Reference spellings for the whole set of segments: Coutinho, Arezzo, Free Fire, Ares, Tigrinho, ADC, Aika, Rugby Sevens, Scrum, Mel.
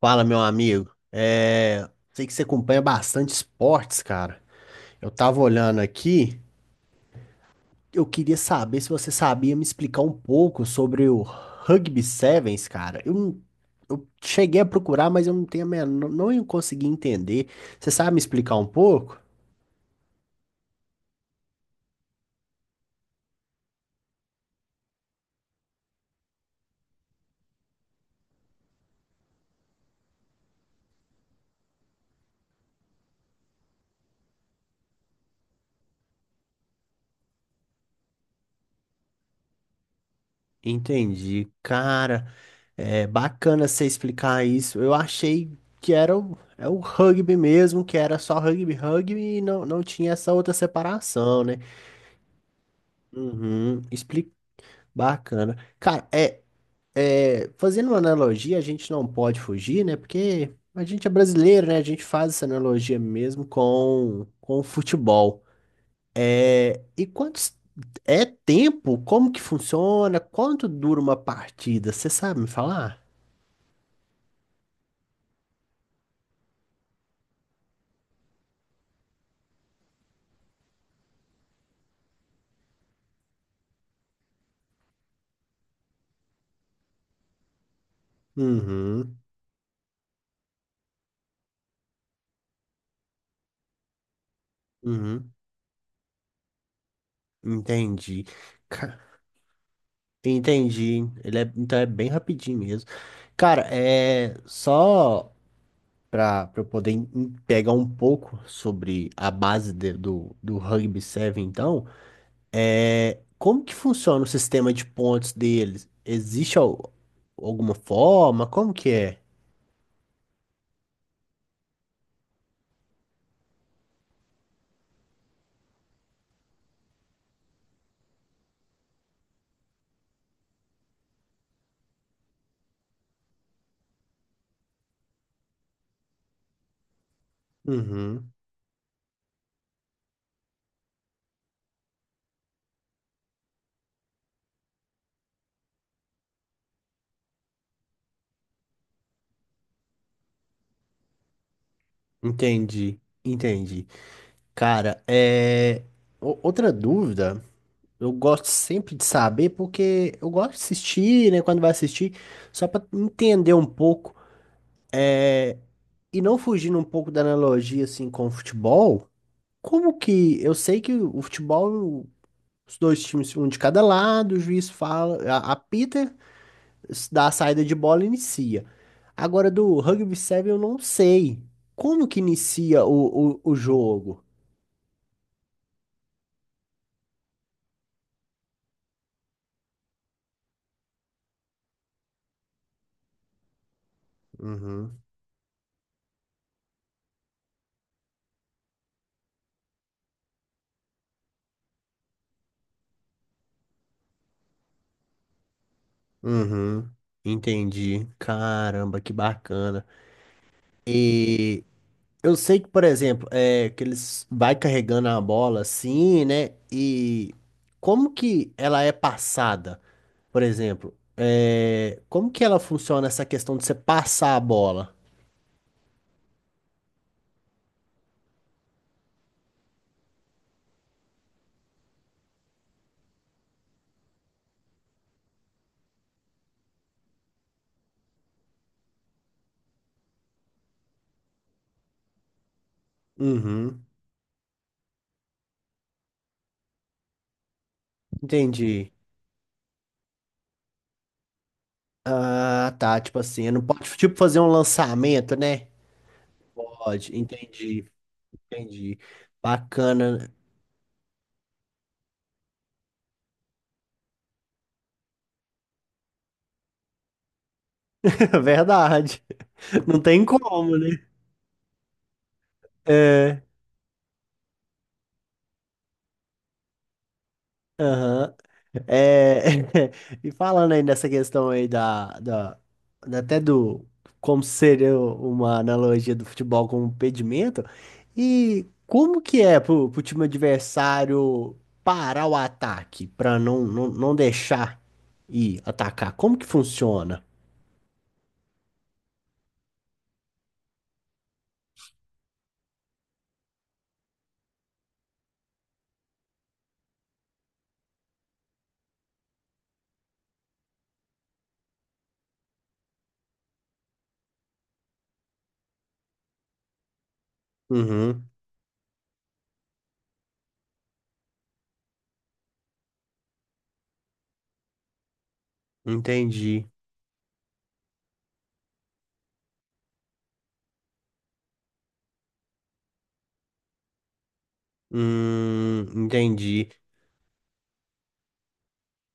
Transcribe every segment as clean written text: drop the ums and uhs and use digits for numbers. Fala, meu amigo. É, sei que você acompanha bastante esportes, cara. Eu tava olhando aqui, eu queria saber se você sabia me explicar um pouco sobre o Rugby Sevens, cara. Eu, não- Eu cheguei a procurar, mas eu não tenho a menor, não consegui entender. Você sabe me explicar um pouco? Entendi, cara. É bacana você explicar isso. Eu achei que é o rugby mesmo, que era só rugby e não tinha essa outra separação, né? Uhum, explica. Bacana. Cara, é, é, fazendo uma analogia, a gente não pode fugir, né? Porque a gente é brasileiro, né? A gente faz essa analogia mesmo com o futebol. É, e quantos é tempo? Como que funciona? Quanto dura uma partida? Você sabe me falar? Uhum, uhum, entendi. Ca- Entendi. Ele é, então é bem rapidinho mesmo. Cara, é só, para eu poder pegar um pouco sobre a base do Rugby 7, então, é, como que funciona o sistema de pontos deles? Existe alguma forma? Como que é? Uhum, entendi. Cara, é, outra dúvida, eu gosto sempre de saber, porque eu gosto de assistir, né, quando vai assistir, só para entender um pouco, e não fugindo um pouco da analogia, assim, com o futebol. Como que eu sei que o futebol, os dois times, um de cada lado, o juiz fala, apita, dá a saída de bola e inicia. Agora do rugby 7 eu não sei. Como que inicia o jogo? Uhum, uhum, entendi. Caramba, que bacana. E eu sei que, por exemplo, é que eles vai carregando a bola assim, né? E como que ela é passada? Por exemplo, é, como que ela funciona essa questão de você passar a bola? Uhum, entendi. Ah, tá, tipo assim, não pode tipo fazer um lançamento, né? Pode, entendi. Bacana. Verdade. Não tem como, né? É. Aham. É, e falando aí nessa questão aí até do como seria uma analogia do futebol com o pedimento, e como que é pro time adversário parar o ataque para não deixar ir atacar? Como que funciona? Uhum, entendi. Entendi.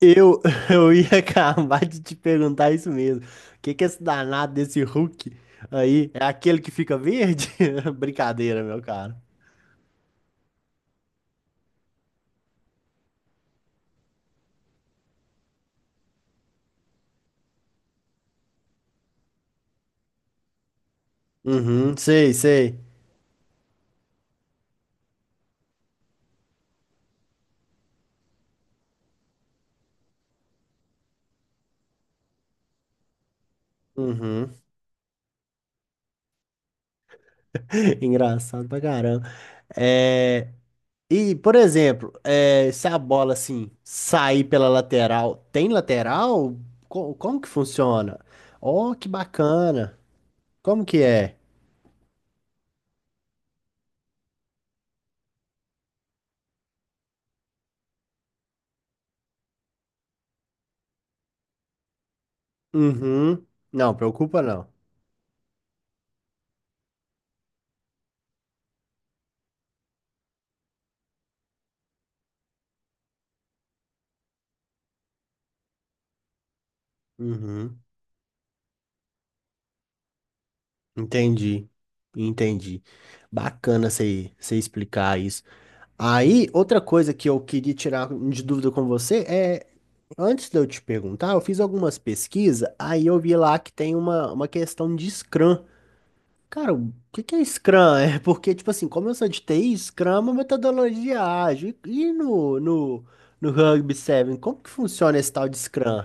Eu, eu ia acabar de te perguntar isso mesmo. O que que é esse danado desse Hulk aí? É aquele que fica verde? Brincadeira, meu cara. Uhum, sei, sei. Uhum. Engraçado pra caramba. É... E, por exemplo, é, se a bola assim sair pela lateral, tem lateral? Como que funciona? Oh, que bacana. Como que é? Uhum. Não, preocupa não. Uhum. Entendi, entendi. Bacana você explicar isso. Aí, outra coisa que eu queria tirar de dúvida com você é, antes de eu te perguntar, eu fiz algumas pesquisas, aí eu vi lá que tem uma questão de Scrum. Cara, o que que é Scrum? É porque, tipo assim, como eu sou de TI, Scrum é uma metodologia ágil. E no Rugby 7, como que funciona esse tal de Scrum?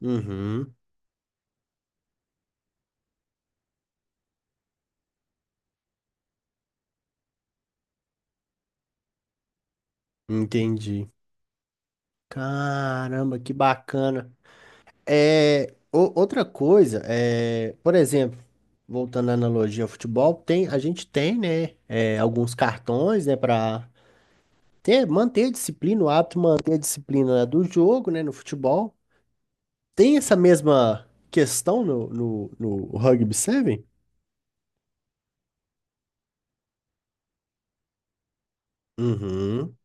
Uhum, entendi. Caramba, que bacana. É, outra coisa, é, por exemplo, voltando à analogia ao futebol, tem, a gente tem, né, é, alguns cartões, né, para ter, manter a disciplina, o hábito de manter a disciplina do jogo, né, no futebol. Tem essa mesma questão no Rugby 7? Uhum.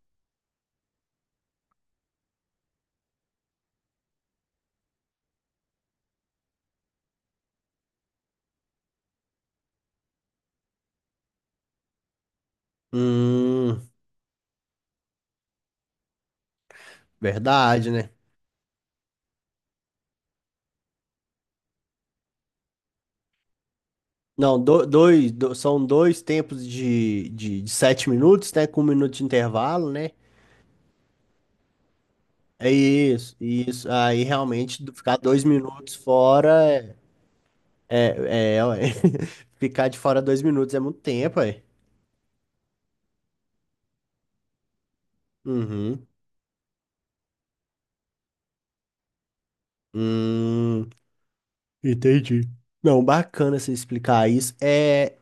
Hum, verdade, né? Não, dois, são dois tempos de 7 minutos, né, com 1 minuto de intervalo, né? É isso, isso. Aí realmente ficar 2 minutos fora ué. Ficar de fora 2 minutos é muito tempo, ué. Uhum. Hum, entendi. Não, bacana você explicar isso. É,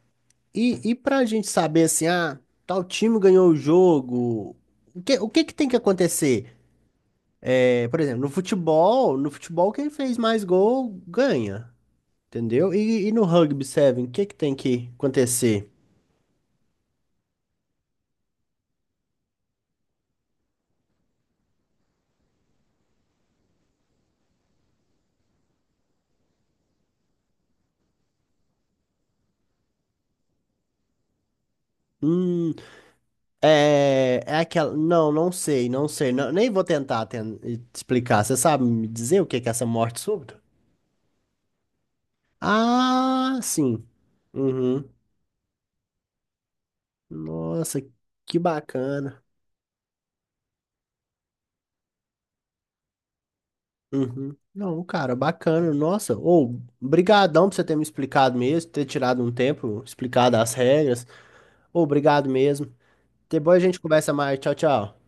e pra gente saber assim, ah, tal time ganhou o jogo. O que tem que acontecer? É, por exemplo, no futebol, no futebol quem fez mais gol ganha, entendeu? E no rugby Seven, o que que tem que acontecer? Hum. É, é aquela. Não, não sei. Nem vou tentar explicar. Você sabe me dizer o que que é essa morte súbita? Ah, sim. Uhum. Nossa, que bacana. Uhum. Não, cara, bacana. Nossa, ou brigadão por você ter me explicado mesmo, ter tirado um tempo, explicado as regras. Ou obrigado mesmo. Depois a gente conversa mais. Tchau, tchau.